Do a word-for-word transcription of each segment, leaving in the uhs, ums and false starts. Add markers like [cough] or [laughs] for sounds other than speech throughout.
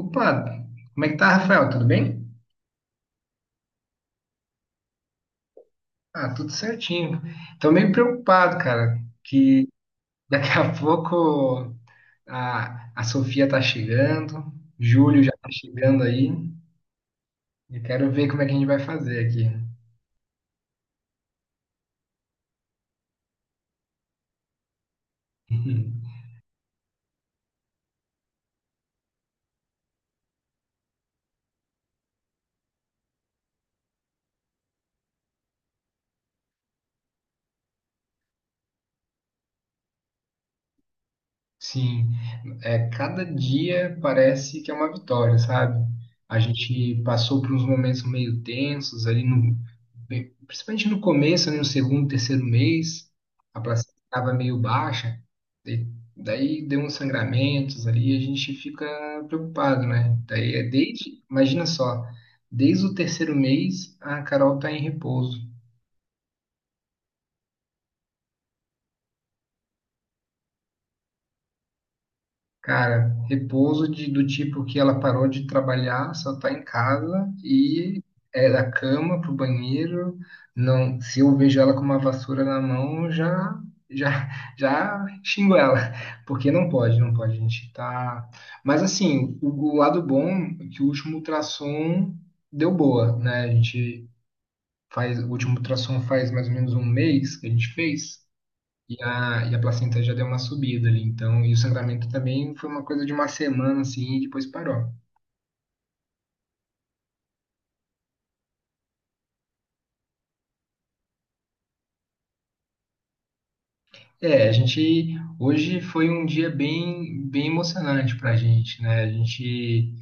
Opa, como é que tá, Rafael? Tudo bem? Ah, tudo certinho. Tô meio preocupado, cara, que daqui a [laughs] pouco a, a Sofia tá chegando, Júlio já tá chegando aí. Eu quero ver como é que a gente vai fazer aqui. [laughs] Sim, é, cada dia parece que é uma vitória, sabe? A gente passou por uns momentos meio tensos ali no, bem- principalmente no começo, ali no segundo, terceiro mês, a placenta estava meio baixa, e daí deu uns sangramentos ali, a gente fica preocupado, né? Daí é desde, imagina só, desde o terceiro mês a Carol tá em repouso. Cara, repouso de- do tipo que ela parou de trabalhar, só tá em casa e é da cama pro banheiro. Não, se eu vejo ela com uma vassoura na mão, já já já xingo ela, porque não pode, não pode, a gente tá. Mas assim, o, o lado bom é que o último ultrassom deu boa, né? A gente faz, o último ultrassom faz mais ou menos um mês que a gente fez. E a, e a placenta já deu uma subida ali, então, e o sangramento também foi uma coisa de uma semana, assim, e depois parou. É, a gente, hoje foi um dia bem, bem emocionante pra gente, né? A gente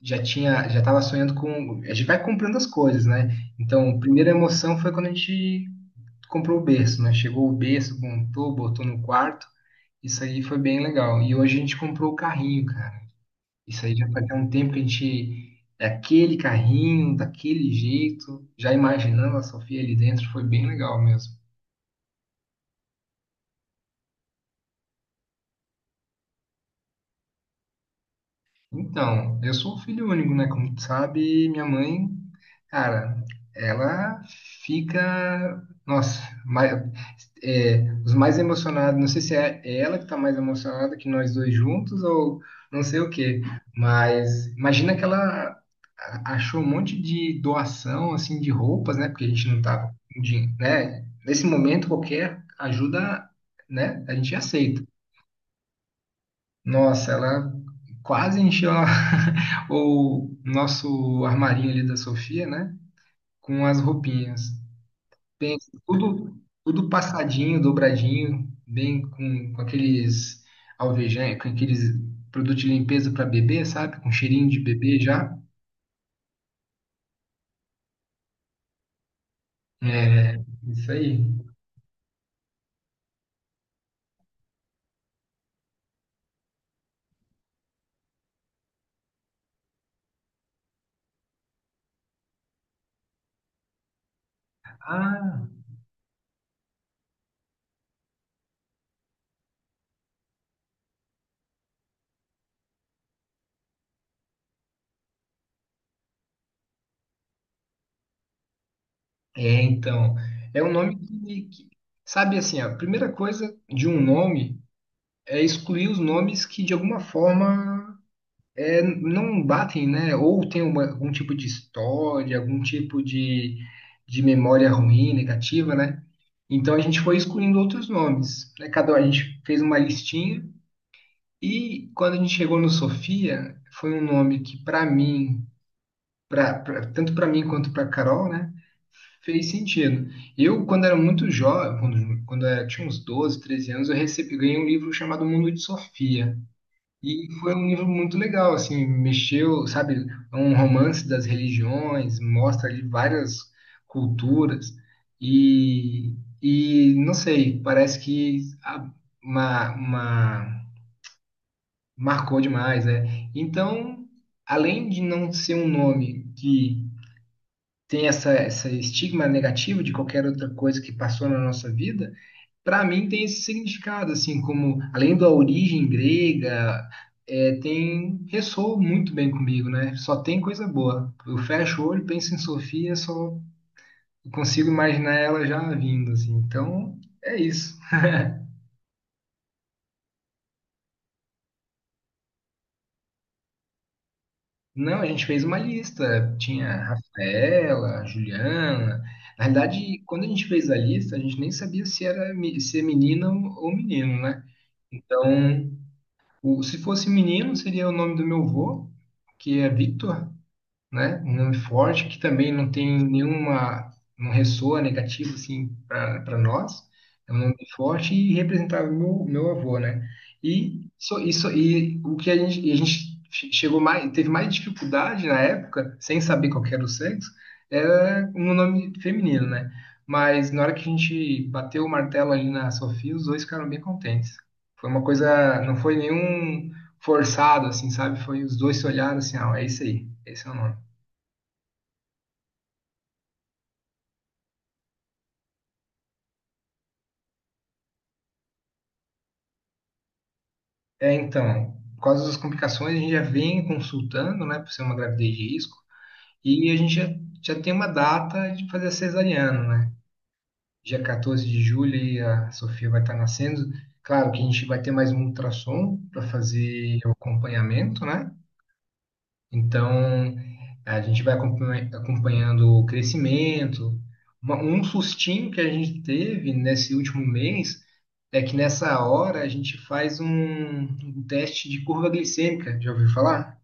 já tinha, já tava sonhando com, a gente vai comprando as coisas, né? Então, a primeira emoção foi quando a gente comprou o berço, né? Chegou o berço, montou, botou no quarto, isso aí foi bem legal. E hoje a gente comprou o carrinho, cara. Isso aí já fazia um tempo que a gente. É aquele carrinho, daquele jeito, já imaginando a Sofia ali dentro, foi bem legal mesmo. Então, eu sou um filho único, né? Como tu sabe, minha mãe, cara, ela fica, nossa, mais, é, os mais emocionados. Não sei se é ela que tá mais emocionada que nós dois juntos ou não sei o quê. Mas imagina que ela a- achou um monte de doação, assim, de roupas, né? Porque a gente não tava, com dinhe- né? Nesse momento qualquer ajuda, né? A gente aceita. Nossa, ela quase encheu a- [laughs] o nosso armarinho ali da Sofia, né? Com as roupinhas. Pensa, tudo, tudo passadinho, dobradinho, bem com, com aqueles alvejantes, com aqueles produtos de limpeza para bebê, sabe? Com cheirinho de bebê já. É, isso aí. Ah, é, então. É um nome que, que- sabe assim, ó, a primeira coisa de um nome é excluir os nomes que de alguma forma é, não batem, né? Ou tem uma- algum tipo de história, algum tipo de, de memória ruim, negativa, né? Então a gente foi excluindo outros nomes, né? Cada a gente fez uma listinha e quando a gente chegou no Sofia, foi um nome que para mim, pra, pra- tanto para mim quanto para Carol, né, fez sentido. Eu quando era muito jovem, quando, quando eu tinha uns doze treze anos, eu recebi ganhei um livro chamado Mundo de Sofia. E foi um livro muito legal, assim, mexeu, sabe, é um romance das religiões, mostra ali várias culturas e, e não sei, parece que a- uma, uma- marcou demais, né? Então, além de não ser um nome que tem essa, essa estigma negativo de qualquer outra coisa que passou na nossa vida, para mim tem esse significado, assim, como além da origem grega, é, tem ressoa muito bem comigo, né? Só tem coisa boa. Eu fecho o olho, penso em Sofia, só consigo imaginar ela já vindo, assim. Então, é isso. Não, a gente fez uma lista. Tinha a Rafaela, a Juliana. Na verdade, quando a gente fez a lista, a gente nem sabia se era me- se é menina ou ou menino, né? Então, o- se fosse menino, seria o nome do meu avô, que é Victor, né? Um nome forte que também não tem nenhuma, não ressoa negativo assim para nós. É um nome forte e representava meu, meu avô, né? E isso, isso e o que a gente, e a gente che- chegou mais, teve mais dificuldade na época, sem saber qual que era o sexo, era um nome feminino, né? Mas na hora que a gente bateu o martelo ali na Sofia, os dois ficaram bem contentes. Foi uma coisa, não foi nenhum forçado, assim, sabe? Foi os dois se olharam assim, ah, é isso aí, esse é o nome. É, então, por causa das complicações, a gente já vem consultando, né, por ser uma gravidez de risco, e a gente já, já tem uma data de fazer a cesariana, né? Dia catorze de julho aí a Sofia vai estar nascendo. Claro que a gente vai ter mais um ultrassom para fazer o acompanhamento, né? Então, a gente vai acompanha- acompanhando o crescimento. Uma- um sustinho que a gente teve nesse último mês é que nessa hora a gente faz um, um teste de curva glicêmica. Já ouviu falar?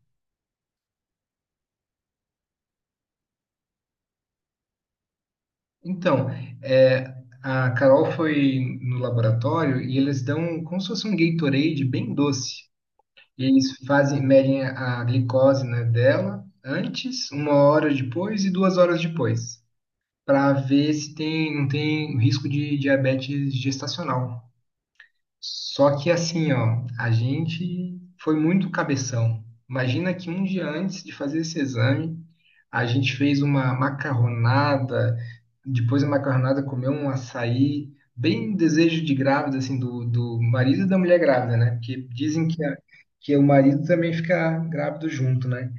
Então, é, a Carol foi no laboratório e eles dão como se fosse um Gatorade bem doce. E eles fazem, medem a a glicose, né, dela antes, uma hora depois e duas horas depois, para ver se tem, não tem risco de diabetes gestacional. Só que assim, ó, a gente foi muito cabeção. Imagina que um dia antes de fazer esse exame, a gente fez uma macarronada, depois da macarronada comeu um açaí, bem desejo de grávida, assim, do, do marido e da mulher grávida, né? Porque dizem que, a- que o marido também fica grávido junto, né?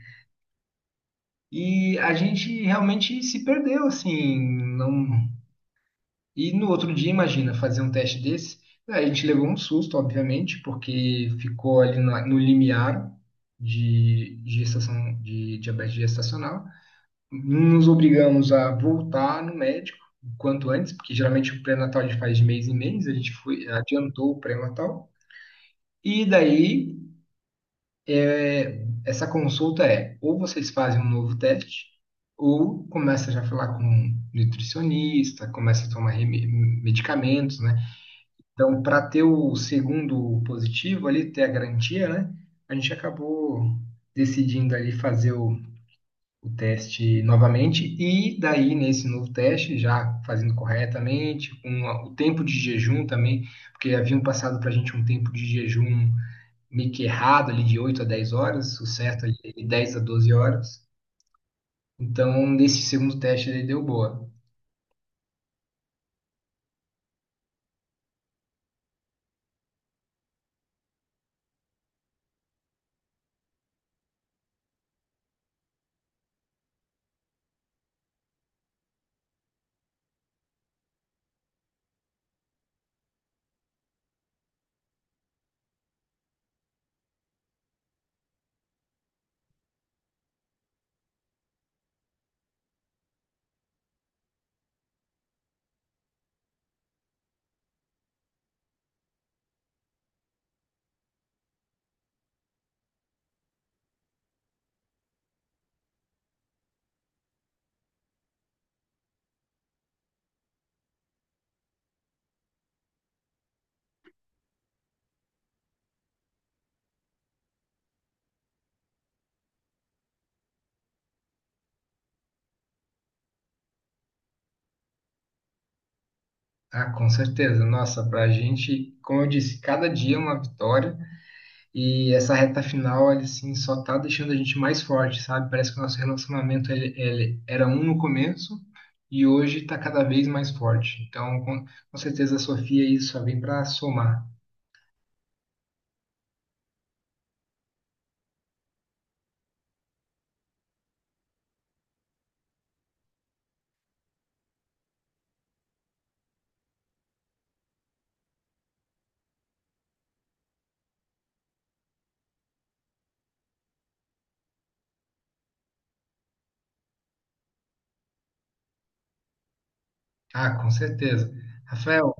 E a gente realmente se perdeu, assim, não. E no outro dia, imagina, fazer um teste desse, né. A gente levou um susto, obviamente, porque ficou ali na- no limiar de de gestação, de diabetes gestacional. Nos obrigamos a voltar no médico o quanto antes, porque geralmente o pré-natal a gente faz de mês em mês, a gente foi, adiantou o pré-natal. E daí, essa consulta é, ou vocês fazem um novo teste, ou começa já a falar com um nutricionista, começa a tomar reme- medicamentos, né? Então, para ter o segundo positivo ali, ter a garantia, né? A gente acabou decidindo ali fazer o, o teste novamente e daí nesse novo teste, já fazendo corretamente, com a- o tempo de jejum também, porque haviam passado para a gente um tempo de jejum meio que errado ali de oito a dez horas, o certo ali é de dez a doze horas. Então, nesse segundo teste ele deu boa. Ah, com certeza. Nossa, para a gente, como eu disse, cada dia é uma vitória. E essa reta final, ele assim, só tá deixando a gente mais forte, sabe? Parece que o nosso relacionamento ele, ele era um no começo e hoje tá cada vez mais forte. Então, com, com certeza a Sofia aí só vem para somar. Ah, com certeza. Rafael,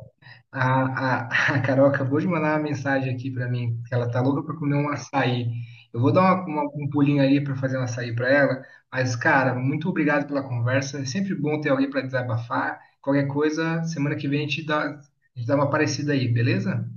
a, a, [laughs] a Carol acabou de mandar uma mensagem aqui para mim, que ela tá louca para comer um açaí. Eu vou dar uma- uma- um pulinho ali para fazer um açaí para ela, mas, cara, muito obrigado pela conversa. É sempre bom ter alguém para desabafar. Qualquer coisa, semana que vem a gente dá, a gente dá uma parecida aí, beleza?